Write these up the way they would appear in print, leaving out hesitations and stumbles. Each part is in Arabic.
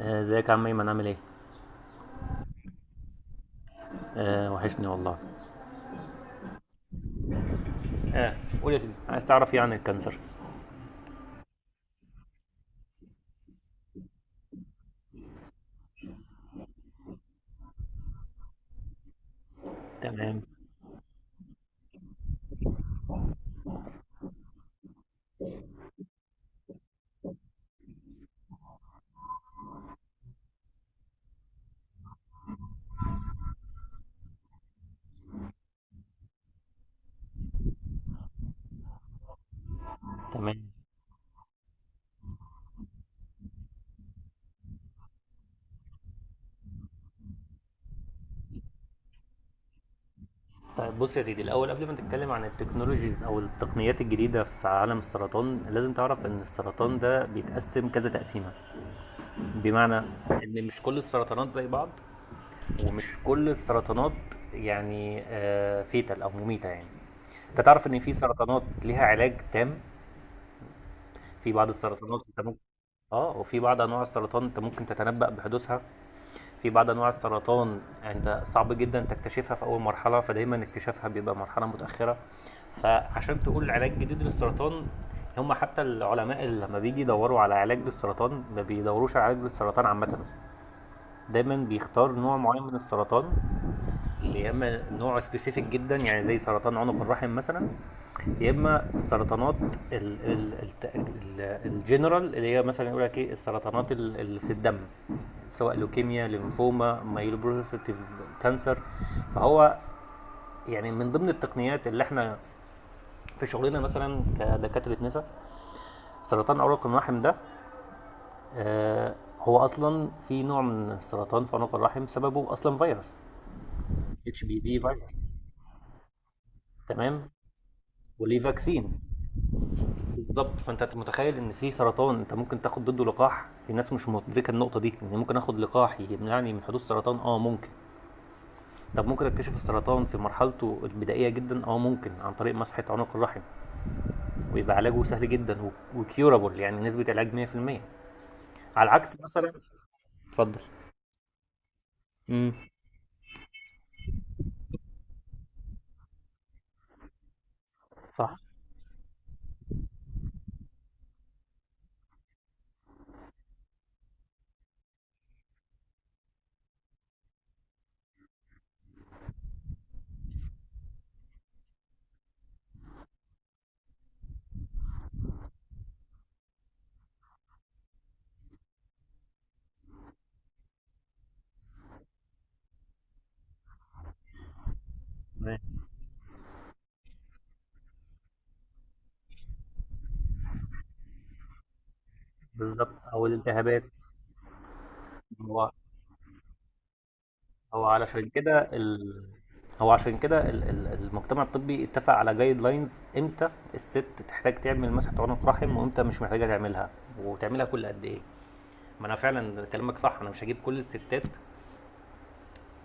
ازيك يا عم ايمن عامل ايه؟ آه وحشني والله. اه. قول يا سيدي عايز تعرف ايه عن الكانسر؟ تمام. تمام. طيب بص يا سيدي الاول قبل ما نتكلم عن التكنولوجيز او التقنيات الجديده في عالم السرطان لازم تعرف ان السرطان ده بيتقسم كذا تقسيمه. بمعنى ان مش كل السرطانات زي بعض، ومش كل السرطانات يعني فيتال او مميته يعني. انت تعرف ان في سرطانات ليها علاج تام، في بعض السرطانات انت ممكن. اه، وفي بعض انواع السرطان انت ممكن تتنبأ بحدوثها. في بعض انواع السرطان يعني انت صعب جدا تكتشفها في اول مرحله فدايما اكتشافها بيبقى مرحله متاخره. فعشان تقول علاج جديد للسرطان، هم حتى العلماء اللي لما بيجي يدوروا على علاج للسرطان ما بيدوروش على علاج للسرطان عامه، دايما بيختار نوع معين من السرطان. يا اما نوع سبيسيفيك جدا يعني زي سرطان عنق الرحم مثلا، يا اما السرطانات الجنرال اللي هي مثلا يقول لك ايه السرطانات اللي في الدم، سواء لوكيميا، ليمفوما، مايلوبروفيتيف كانسر. فهو يعني من ضمن التقنيات اللي احنا في شغلنا مثلا كدكاتره نساء، سرطان عنق الرحم ده، هو اصلا في نوع من السرطان في عنق الرحم سببه اصلا فيروس. HPV فيروس. تمام. وليه فاكسين. بالظبط، فانت متخيل ان في سرطان انت ممكن تاخد ضده لقاح. في ناس مش مدركه النقطه دي، ان ممكن اخد لقاح يمنعني من حدوث سرطان. اه ممكن. طب ممكن اكتشف السرطان في مرحلته البدائيه جدا، ممكن عن طريق مسحه عنق الرحم، ويبقى علاجه سهل جدا وكيورابل يعني نسبه علاج 100%. على العكس مثلا. اتفضل. امم. صح. بالظبط، او الالتهابات. هو. هو علشان كده ال... هو عشان كده المجتمع الطبي اتفق على جايد لاينز، امتى الست تحتاج تعمل مسحة عنق رحم، وامتى مش محتاجة تعملها، وتعملها كل قد ايه. ما انا فعلا كلامك صح، انا مش هجيب كل الستات،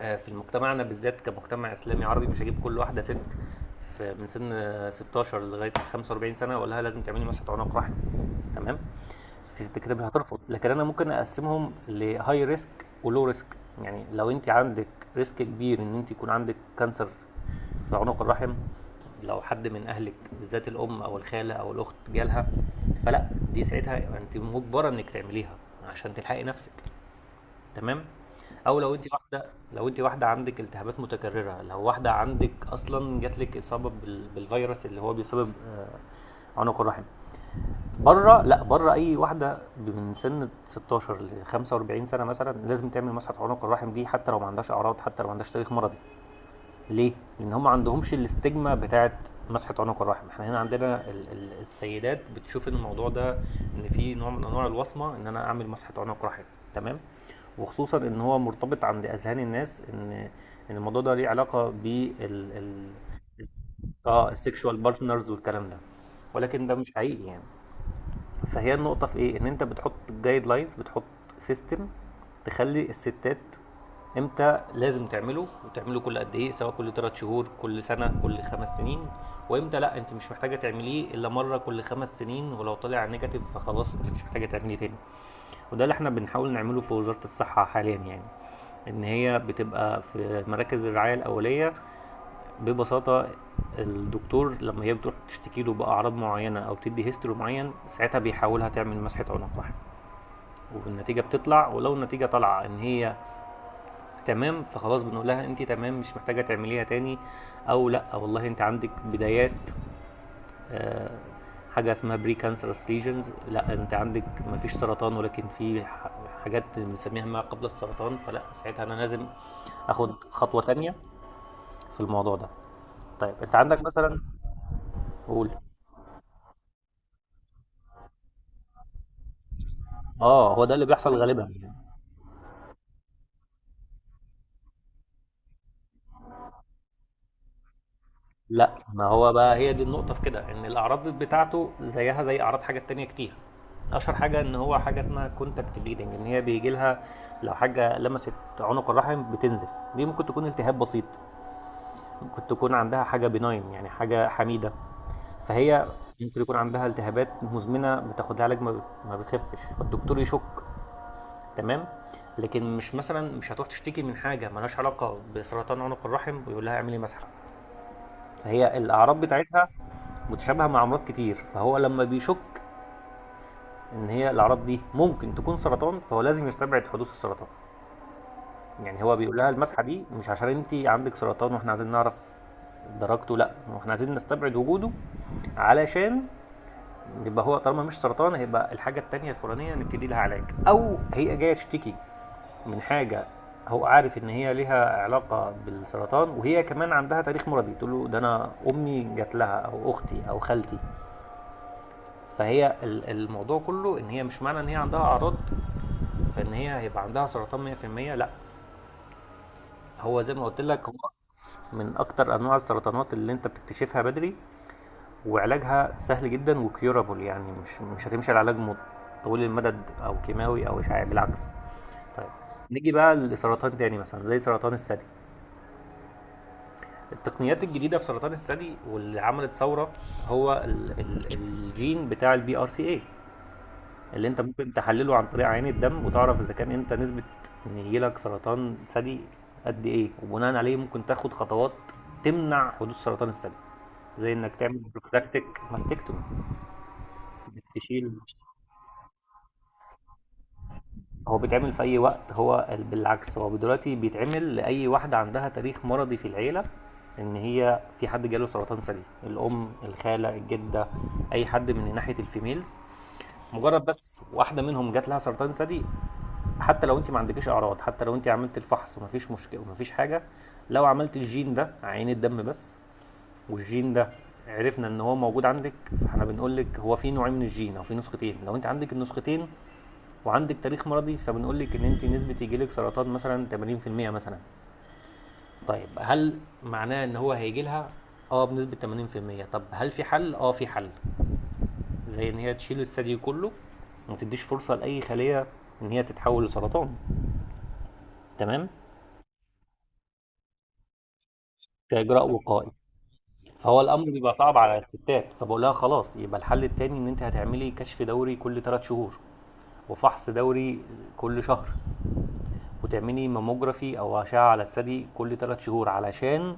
في مجتمعنا بالذات كمجتمع اسلامي عربي مش هجيب كل واحدة ست في من سن 16 لغاية 45 سنة واقول لها لازم تعملي مسحة عنق رحم. تمام. انت كده مش هترفض، لكن انا ممكن اقسمهم لهاي ريسك ولو ريسك. يعني لو انت عندك ريسك كبير ان انت يكون عندك كانسر في عنق الرحم، لو حد من اهلك بالذات الام او الخاله او الاخت جالها، فلا دي ساعتها انت مجبره انك تعمليها عشان تلحقي نفسك. تمام. او لو انت واحده، لو انت واحده عندك التهابات متكرره، لو واحده عندك اصلا جاتلك اصابه بال- بالفيروس اللي هو بيسبب عنق الرحم. بره، لا بره، اي واحده من سن 16 ل 45 سنه مثلا لازم تعمل مسحه عنق الرحم دي، حتى لو ما عندهاش اعراض، حتى لو ما عندهاش تاريخ مرضي. ليه؟ لان هم ما عندهمش الاستجمه بتاعه مسحه عنق الرحم. احنا هنا عندنا السيدات بتشوف ان الموضوع ده، ان في نوع من انواع الوصمه، ان انا اعمل مسحه عنق رحم. تمام. وخصوصا ان هو مرتبط عند اذهان الناس ان ان الموضوع ده ليه علاقه اه، السكشوال بارتنرز والكلام ده، ولكن ده مش حقيقي يعني. فهي النقطة في ايه؟ ان انت بتحط جايد لاينز، بتحط سيستم تخلي الستات امتى لازم تعمله، وتعمله كل قد ايه، سواء كل 3 شهور، كل سنة، كل خمس سنين، وامتى لا انت مش محتاجة تعمليه الا مرة كل خمس سنين، ولو طلع نيجاتيف فخلاص انت مش محتاجة تعمليه تاني. وده اللي احنا بنحاول نعمله في وزارة الصحة حاليا يعني، ان هي بتبقى في مراكز الرعايه الاوليه ببساطة. الدكتور لما هي بتروح تشتكي له بأعراض معينة أو تدي هيستوري معين ساعتها بيحاولها تعمل مسحة عنق رحم، والنتيجة بتطلع، ولو النتيجة طالعة إن هي تمام فخلاص بنقول لها أنت تمام مش محتاجة تعمليها تاني. أو لأ والله أنت عندك بدايات، آه، حاجة اسمها بري كانسرس ليجنز. لأ أنت عندك مفيش سرطان، ولكن في حاجات بنسميها ما قبل السرطان، فلأ ساعتها أنا لازم أخد خطوة تانية في الموضوع ده. طيب أنت عندك مثلا. قول. اه هو ده اللي بيحصل غالبا. لا ما هو بقى، هي دي النقطة في كده، ان الاعراض بتاعته زيها زي اعراض حاجات تانية كتير. اشهر حاجة ان هو حاجة اسمها كونتاكت بليدنج، ان هي بيجي لها لو حاجة لمست عنق الرحم بتنزف. دي ممكن تكون التهاب بسيط، ممكن تكون عندها حاجة بناين يعني حاجة حميدة. فهي ممكن يكون عندها التهابات مزمنة بتاخد لها علاج ما بتخفش فالدكتور يشك. تمام. لكن مش مثلا مش هتروح تشتكي من حاجة ملهاش علاقة بسرطان عنق الرحم ويقول لها اعملي مسحة. فهي الأعراض بتاعتها متشابهة مع أمراض كتير، فهو لما بيشك إن هي الأعراض دي ممكن تكون سرطان فهو لازم يستبعد حدوث السرطان. يعني هو بيقول لها المسحة دي مش عشان أنت عندك سرطان وإحنا عايزين نعرف درجته، لأ وإحنا عايزين نستبعد وجوده علشان يبقى هو طالما مش سرطان هيبقى الحاجة التانية الفلانية نبتدي لها علاج. أو هي جاية تشتكي من حاجة هو عارف ان هي ليها علاقه بالسرطان، وهي كمان عندها تاريخ مرضي تقول له ده انا امي جات لها او اختي او خالتي. فهي الموضوع كله ان هي مش معنى ان هي عندها اعراض فان هي هيبقى عندها سرطان 100%، لا. هو زي ما قلت لك، هو من اكتر انواع السرطانات اللي انت بتكتشفها بدري وعلاجها سهل جدا وكيورابل، يعني مش هتمشي على علاج طويل المدد او كيماوي او اشعاعي، بالعكس. طيب، نيجي بقى لسرطان تاني مثلا زي سرطان الثدي. التقنيات الجديده في سرطان الثدي واللي عملت ثوره هو ال ال الجين بتاع BRCA، اللي انت ممكن تحلله عن طريق عينة الدم وتعرف اذا كان انت نسبة ان يجيلك سرطان ثدي قد ايه، وبناء عليه ممكن تاخد خطوات تمنع حدوث سرطان الثدي، زي انك تعمل بروفلاكتيك ماستكتومي. تشيل هو بيتعمل في اي وقت، هو بالعكس هو دلوقتي بيتعمل لاي واحده عندها تاريخ مرضي في العيله، ان هي في حد جاله سرطان ثدي، الام، الخاله، الجده، اي حد من ناحيه الفيميلز. مجرد بس واحده منهم جات لها سرطان ثدي حتى لو انت ما عندكيش اعراض، حتى لو انت عملت الفحص ومفيش مشكله ومفيش حاجه، لو عملت الجين ده عين الدم بس، والجين ده عرفنا ان هو موجود عندك، فاحنا بنقول لك هو في نوعين من الجين او في نسختين. لو انت عندك النسختين وعندك تاريخ مرضي فبنقول لك ان انت نسبه يجي لك سرطان مثلا 80% مثلا. طيب هل معناه ان هو هيجي لها؟ اه، بنسبه 80%. طب هل في حل؟ اه في حل، زي ان هي تشيل الثدي كله وما تديش فرصه لاي خليه ان هي تتحول لسرطان. تمام. كاجراء وقائي، فهو الامر بيبقى صعب على الستات، فبقول لها خلاص يبقى الحل التاني ان انت هتعملي كشف دوري كل 3 شهور وفحص دوري كل شهر، وتعملي ماموجرافي او اشعه على الثدي كل 3 شهور، علشان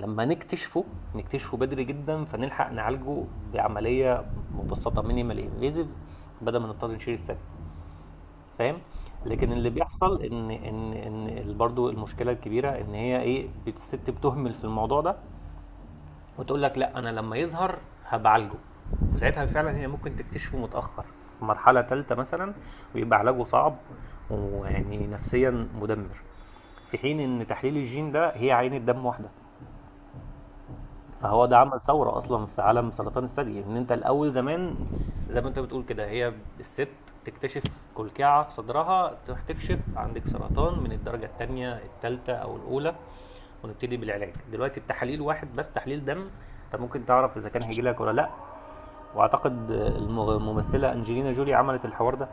لما نكتشفه نكتشفه بدري جدا فنلحق نعالجه بعمليه مبسطه مينيمال انفيزيف، بدل ما نضطر نشيل الثدي. فاهم. لكن اللي بيحصل ان برضه المشكله الكبيره ان هي ايه، الست بتهمل في الموضوع ده، وتقول لك لا انا لما يظهر هبعالجه، وساعتها فعلا هي ممكن تكتشفه متاخر في مرحله ثالثه مثلا، ويبقى علاجه صعب، ويعني نفسيا مدمر. في حين ان تحليل الجين ده هي عينة دم واحده. فهو ده عمل ثوره اصلا في عالم سرطان الثدي، ان انت الاول زمان زي ما انت بتقول كده، هي الست تكتشف كلكعه في صدرها تروح تكشف عندك سرطان من الدرجه الثانيه، الثالثه او الاولى، ونبتدي بالعلاج. دلوقتي التحاليل واحد بس تحليل دم انت ممكن تعرف اذا كان هيجي لك ولا لا. واعتقد الممثله انجلينا جولي عملت الحوار ده.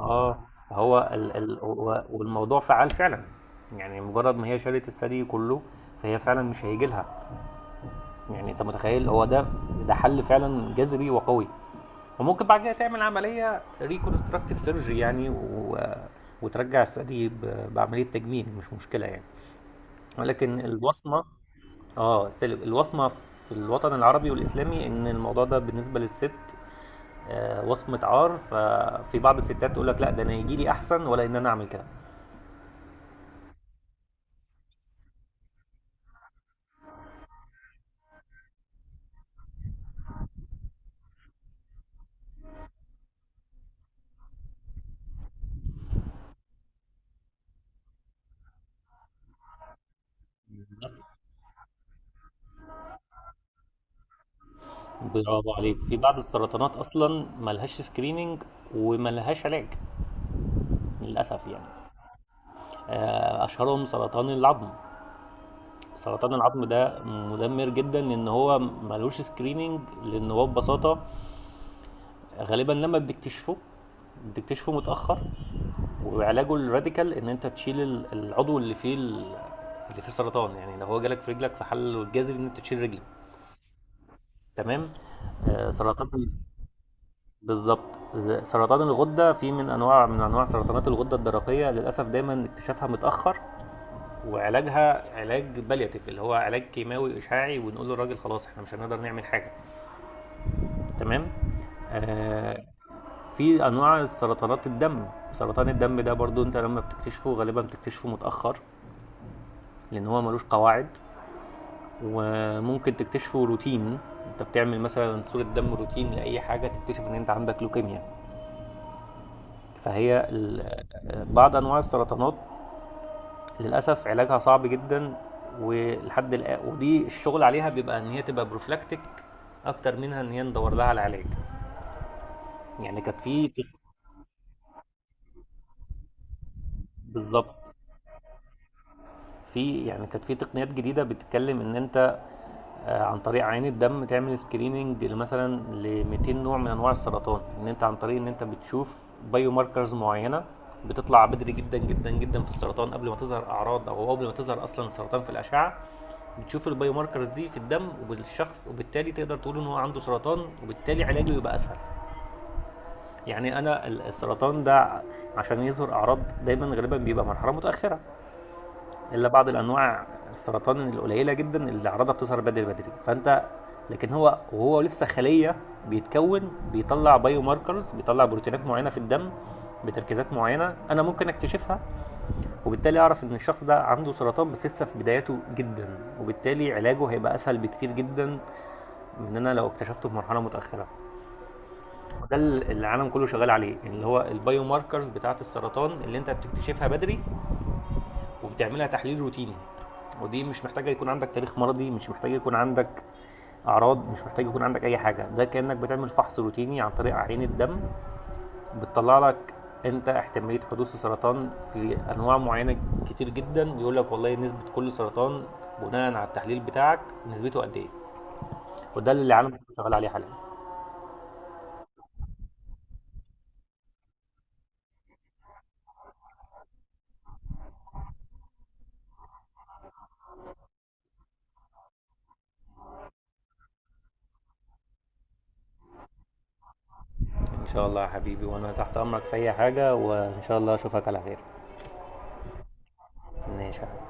اه. هو ال ال هو- والموضوع فعال فعلا. يعني مجرد ما هي شالت الثدي كله فهي فعلا مش هيجي لها، يعني انت متخيل، هو ده، ده حل فعلا جذري وقوي، وممكن بعد كده تعمل عمليه ريكونستراكتيف سيرجري يعني، و... وترجع الثدي بعمليه تجميل مش مشكله يعني. ولكن البصمه، اه سلب الوصمة في الوطن العربي والإسلامي إن الموضوع ده بالنسبة للست وصمة عار، ففي بعض الستات تقول لك لا ده أنا يجي لي أحسن ولا إن أنا أعمل كده. برافو عليك، في بعض السرطانات أصلا ملهاش سكريننج وملهاش علاج، للأسف يعني. أشهرهم سرطان العظم. سرطان العظم ده مدمر جدا لأن هو ملوش سكريننج، لأن هو ببساطة غالبا لما بتكتشفه بتكتشفه متأخر، وعلاجه الراديكال ان انت تشيل العضو اللي فيه اللي فيه سرطان، يعني لو هو جالك في رجلك فحله الجذري ان انت تشيل رجلك. تمام. آه، سرطان ال- بالظبط، سرطان الغده. في من انواع من انواع سرطانات الغده الدرقيه للاسف دايما اكتشافها متاخر وعلاجها علاج بالياتيف اللي هو علاج كيماوي اشعاعي، ونقول للراجل خلاص احنا مش هنقدر نعمل حاجه. تمام. آه، في انواع سرطانات الدم. سرطان الدم ده برضو انت لما بتكتشفه غالبا بتكتشفه متاخر، لان هو ملوش قواعد، وممكن تكتشفه روتين. انت بتعمل مثلا صورة دم روتين لاي حاجة تكتشف ان انت عندك لوكيميا. فهي بعض انواع السرطانات للاسف علاجها صعب جدا. ولحد الآن ودي الشغل عليها بيبقى ان هي تبقى بروفلاكتيك اكتر منها ان هي ندور لها على علاج. يعني كانت في بالظبط. في يعني كانت في تقنيات جديده بتتكلم ان انت عن طريق عيان الدم تعمل سكريننج مثلا ل 200 نوع من انواع السرطان. ان انت عن طريق ان انت بتشوف بايو ماركرز معينه بتطلع بدري جدا جدا جدا في السرطان قبل ما تظهر اعراض او قبل ما تظهر اصلا السرطان في الاشعه. بتشوف البايو ماركرز دي في الدم وبالشخص وبالتالي تقدر تقول ان هو عنده سرطان، وبالتالي علاجه يبقى اسهل. يعني انا السرطان ده عشان يظهر اعراض دايما غالبا بيبقى مرحله متاخره، الا بعض الانواع السرطان القليله جدا اللي اعراضها بتظهر بدري بدري فانت. لكن هو وهو لسه خليه بيتكون بيطلع بايو ماركرز، بيطلع بروتينات معينه في الدم بتركيزات معينه انا ممكن اكتشفها، وبالتالي اعرف ان الشخص ده عنده سرطان بس لسه في بداياته جدا، وبالتالي علاجه هيبقى اسهل بكتير جدا من ان انا لو اكتشفته في مرحله متاخره. ده اللي العالم كله شغال عليه، اللي هو البايو ماركرز بتاعه السرطان اللي انت بتكتشفها بدري، وبتعملها تحليل روتيني، ودي مش محتاجه يكون عندك تاريخ مرضي، مش محتاجه يكون عندك اعراض، مش محتاجه يكون عندك اي حاجه. ده كانك بتعمل فحص روتيني عن طريق عين الدم بتطلع لك انت احتماليه حدوث السرطان في انواع معينه كتير جدا. بيقول لك والله نسبه كل سرطان بناء على التحليل بتاعك نسبته قد ايه، وده اللي العالم شغال عليه حاليا. ان شاء الله يا حبيبي، وانا تحت امرك في اي حاجه، وان شاء الله اشوفك على خير. ماشي يا حبيبي.